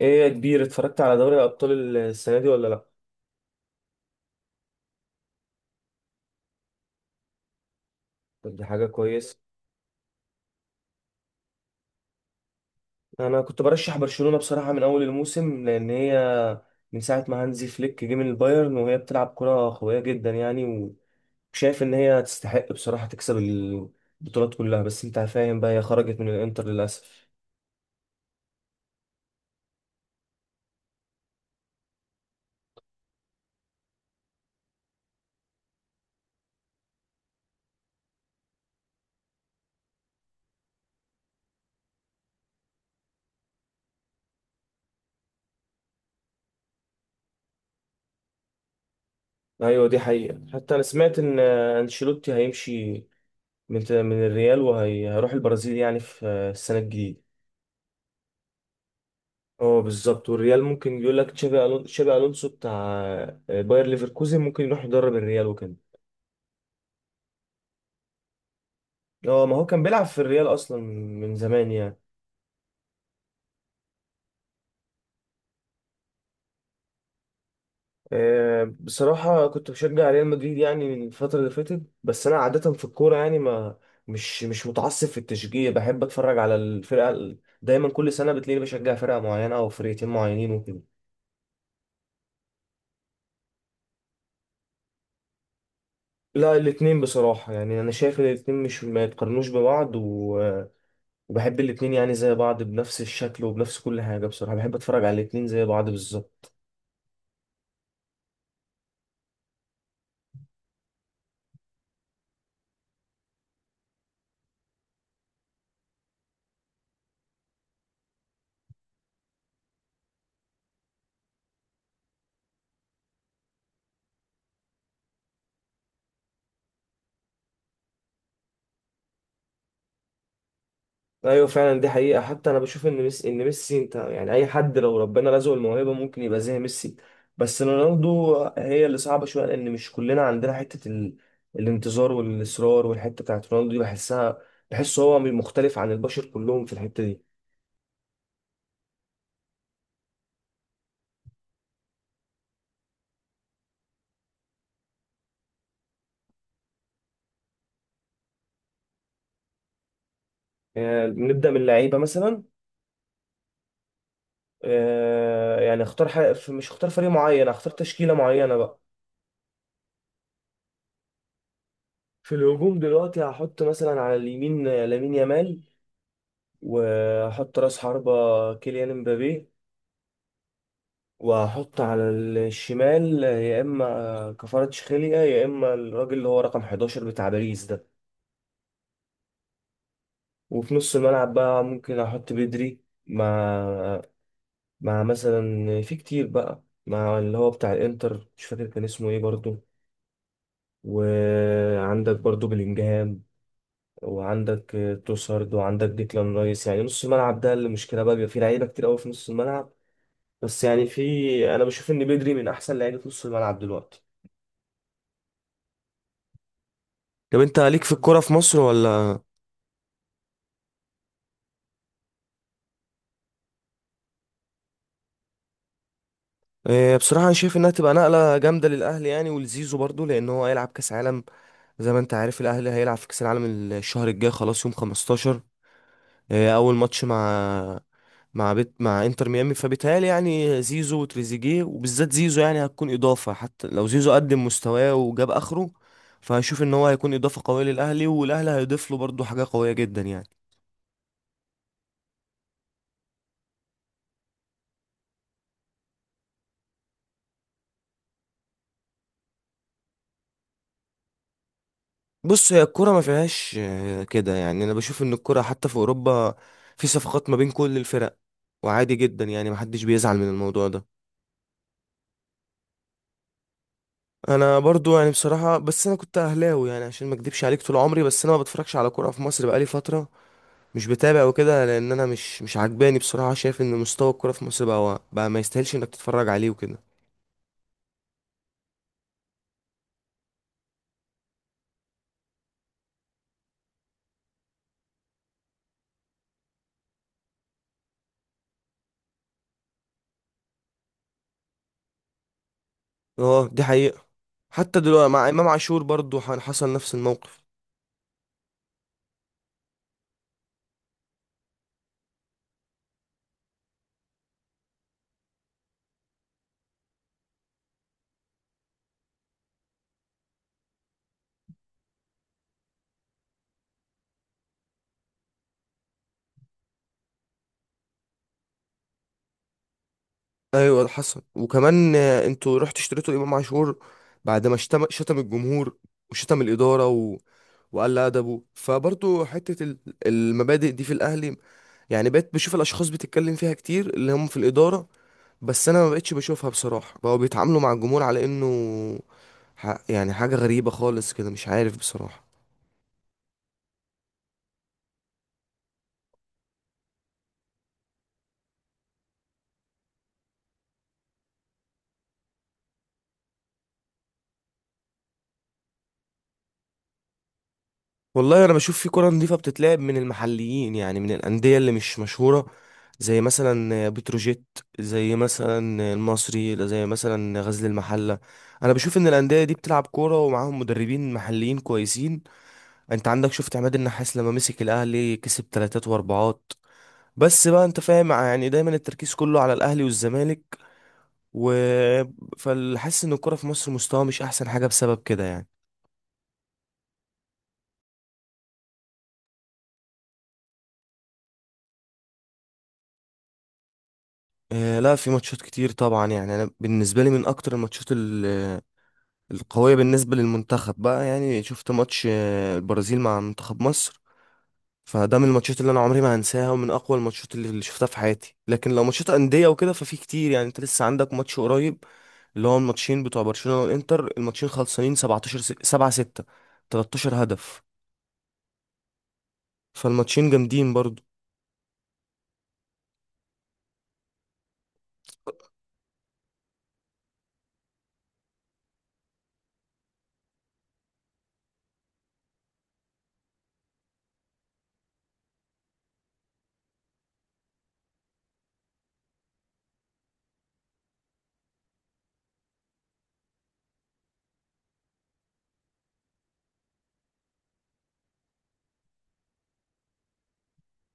ايه يا كبير، اتفرجت على دوري الابطال السنه دي ولا لا؟ طب دي حاجه كويسه. انا كنت برشح برشلونه بصراحه من اول الموسم، لان هي من ساعه ما هانزي فليك جه من البايرن وهي بتلعب كره قويه جدا يعني. وشايف ان هي تستحق بصراحه تكسب البطولات كلها، بس انت فاهم بقى، هي خرجت من الانتر للاسف. ايوه دي حقيقه، حتى انا سمعت ان انشيلوتي هيمشي من الريال وهيروح البرازيل يعني في السنه الجديده. اه بالظبط، والريال ممكن يقول لك تشابي الونسو بتاع باير ليفركوزن ممكن يروح يدرب الريال وكده. اه ما هو كان بيلعب في الريال اصلا من زمان يعني. بصراحه كنت بشجع ريال مدريد يعني من الفتره اللي فاتت، بس انا عاده في الكوره يعني ما... مش متعصب في التشجيع، بحب اتفرج على الفرقه دايما كل سنه بتلاقيني بشجع فرقه معينه او فرقتين معينين وكده. لا، الاتنين بصراحه، يعني انا شايف ان الاتنين مش ما يتقارنوش ببعض، و وبحب الاتنين يعني زي بعض، بنفس الشكل وبنفس كل حاجة. بصراحة بحب اتفرج على الاتنين زي بعض بالظبط. ايوه فعلا دي حقيقة، حتى انا بشوف ان ميسي انت يعني اي حد لو ربنا رزقه الموهبة ممكن يبقى زي ميسي، بس رونالدو هي اللي صعبة شوية، لان مش كلنا عندنا حتة الانتظار والاصرار، والحتة بتاعت رونالدو دي بحسها. بحسه هو مختلف عن البشر كلهم في الحتة دي. نبدأ من اللعيبة مثلا. مش اختار فريق معين، اختار تشكيلة معينة بقى. في الهجوم دلوقتي هحط مثلا على اليمين لامين يامال، وهحط راس حربة كيليان امبابي، وهحط على الشمال يا اما كفاراتشخيليا يا اما الراجل اللي هو رقم 11 بتاع باريس ده. وفي نص الملعب بقى ممكن احط بدري مع مع مثلا في كتير بقى، مع اللي هو بتاع الانتر مش فاكر كان اسمه ايه برضو، وعندك برضو بلينجهام، وعندك توسارد، وعندك ديكلان رايس. يعني نص الملعب ده اللي مشكله بقى، بيبقى فيه لعيبه كتير قوي في نص الملعب. بس يعني في... انا بشوف ان بدري من احسن لعيبه نص الملعب دلوقتي. طب انت ليك في الكوره في مصر ولا؟ إيه بصراحه انا شايف انها تبقى نقله جامده للاهلي يعني ولزيزو برضو، لان هو هيلعب كاس عالم. زي ما انت عارف الاهلي هيلعب في كاس العالم الشهر الجاي خلاص، يوم 15 اول ماتش مع مع بيت مع انتر ميامي، فبيتهيألي يعني زيزو وتريزيجيه، وبالذات زيزو، يعني هتكون اضافه، حتى لو زيزو قدم مستواه وجاب اخره فهشوف ان هو هيكون اضافه قويه للاهلي، والاهلي هيضيف له برضه حاجه قويه جدا يعني. بص هي الكره ما فيهاش كده يعني، انا بشوف ان الكره حتى في اوروبا في صفقات ما بين كل الفرق، وعادي جدا يعني، محدش بيزعل من الموضوع ده. انا برضو يعني بصراحه، بس انا كنت اهلاوي يعني عشان ما اكدبش عليك طول عمري، بس انا ما بتفرجش على كوره في مصر بقالي فتره، مش بتابع وكده، لان انا مش عجباني بصراحه. شايف ان مستوى الكوره في مصر بقى ما يستاهلش انك تتفرج عليه وكده. اه دي حقيقه، حتى دلوقتي مع امام عاشور برضو حصل نفس الموقف. ايوه حصل، وكمان انتوا رحتوا اشتريتوا امام عاشور بعد ما شتم الجمهور، وشتم الاداره وقل ادبه. فبرضو حته المبادئ دي في الاهلي يعني، بقيت بشوف الاشخاص بتتكلم فيها كتير اللي هم في الاداره، بس انا ما بقتش بشوفها بصراحه. بقوا بيتعاملوا مع الجمهور على انه يعني حاجة غريبة خالص كده، مش عارف بصراحة. والله أنا بشوف في كرة نظيفة بتتلعب من المحليين يعني، من الأندية اللي مش مشهورة، زي مثلا بتروجيت، زي مثلا المصري، زي مثلا غزل المحلة. أنا بشوف إن الأندية دي بتلعب كورة ومعاهم مدربين محليين كويسين. أنت عندك، شفت عماد النحاس لما مسك الأهلي كسب تلاتات وأربعات. بس بقى أنت فاهم يعني، دايما التركيز كله على الأهلي والزمالك، و فحاسس إن الكورة في مصر مستواها مش أحسن حاجة بسبب كده يعني. لا، في ماتشات كتير طبعا يعني، انا بالنسبه لي من اكتر الماتشات القويه بالنسبه للمنتخب بقى، يعني شفت ماتش البرازيل مع منتخب مصر. فده من الماتشات اللي انا عمري ما هنساها، ومن اقوى الماتشات اللي شفتها في حياتي. لكن لو ماتشات انديه وكده ففي كتير يعني، انت لسه عندك ماتش قريب، اللي هو الماتشين بتوع برشلونه والانتر، الماتشين خلصانين 17 7 6، 13 هدف، فالماتشين جامدين برضو.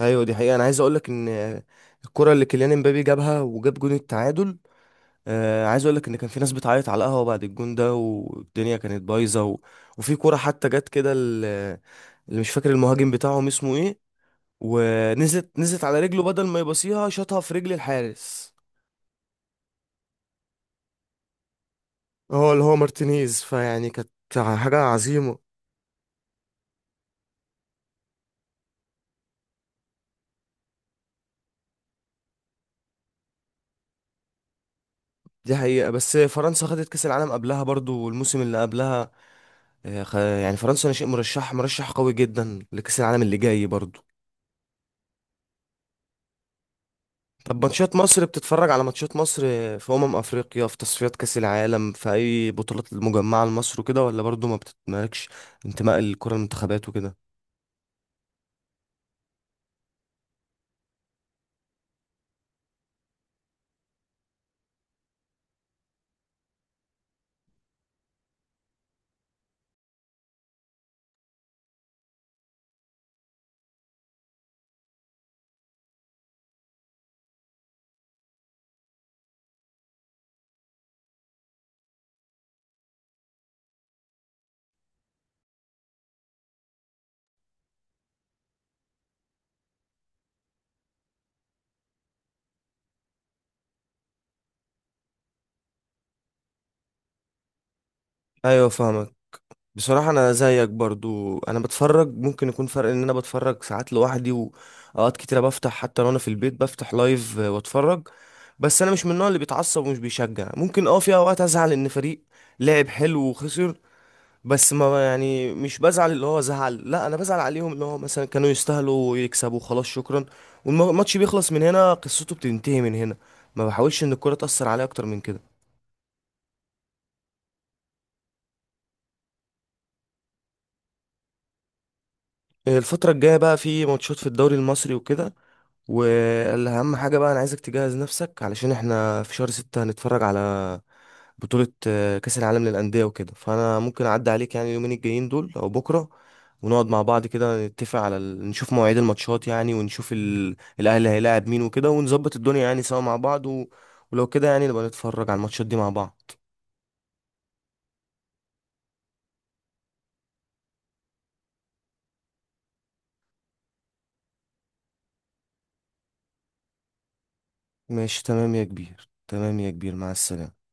ايوه دي حقيقه، انا عايز اقول لك ان الكره اللي كيليان امبابي جابها وجاب جون التعادل، عايز اقول لك ان كان في ناس بتعيط على القهوه بعد الجون ده، والدنيا كانت بايظه، وفي كوره حتى جت كده اللي مش فاكر المهاجم بتاعهم اسمه ايه، ونزلت على رجله، بدل ما يبصيها شاطها في رجل الحارس. هو اللي هو مارتينيز، فيعني كانت حاجه عظيمه. دي حقيقة، بس فرنسا خدت كأس العالم قبلها برضو، والموسم اللي قبلها يعني فرنسا أنا شيء مرشح قوي جدا لكأس العالم اللي جاي برضو. طب ماتشات مصر، بتتفرج على ماتشات مصر في أمم أفريقيا، في تصفيات كأس العالم، في أي بطولات المجمعة لمصر وكده، ولا برضو ما بتتمالكش انتماء الكرة المنتخبات وكده؟ أيوة فاهمك. بصراحة أنا زيك برضو، أنا بتفرج، ممكن يكون فرق إن أنا بتفرج ساعات لوحدي، وأوقات كتيرة بفتح حتى لو أنا في البيت بفتح لايف وأتفرج. بس أنا مش من النوع اللي بيتعصب ومش بيشجع، ممكن أه في أوقات أزعل إن فريق لعب حلو وخسر، بس ما يعني مش بزعل اللي هو زعل، لا انا بزعل عليهم اللي هو مثلا كانوا يستاهلوا ويكسبوا، خلاص شكرا، والماتش بيخلص من هنا، قصته بتنتهي من هنا. ما بحاولش ان الكرة تأثر عليا اكتر من كده. الفترة الجاية بقى في ماتشات في الدوري المصري وكده، واهم حاجة بقى انا عايزك تجهز نفسك علشان احنا في شهر 6 هنتفرج على بطولة كأس العالم للأندية وكده. فانا ممكن اعدي عليك يعني اليومين الجايين دول او بكرة، ونقعد مع بعض كده نتفق على نشوف مواعيد الماتشات يعني، ونشوف الاهلي هيلاعب مين وكده، ونظبط الدنيا يعني سوا مع بعض، ولو كده يعني نبقى نتفرج على الماتشات دي مع بعض. ماشي تمام يا كبير، تمام يا كبير، مع السلامة.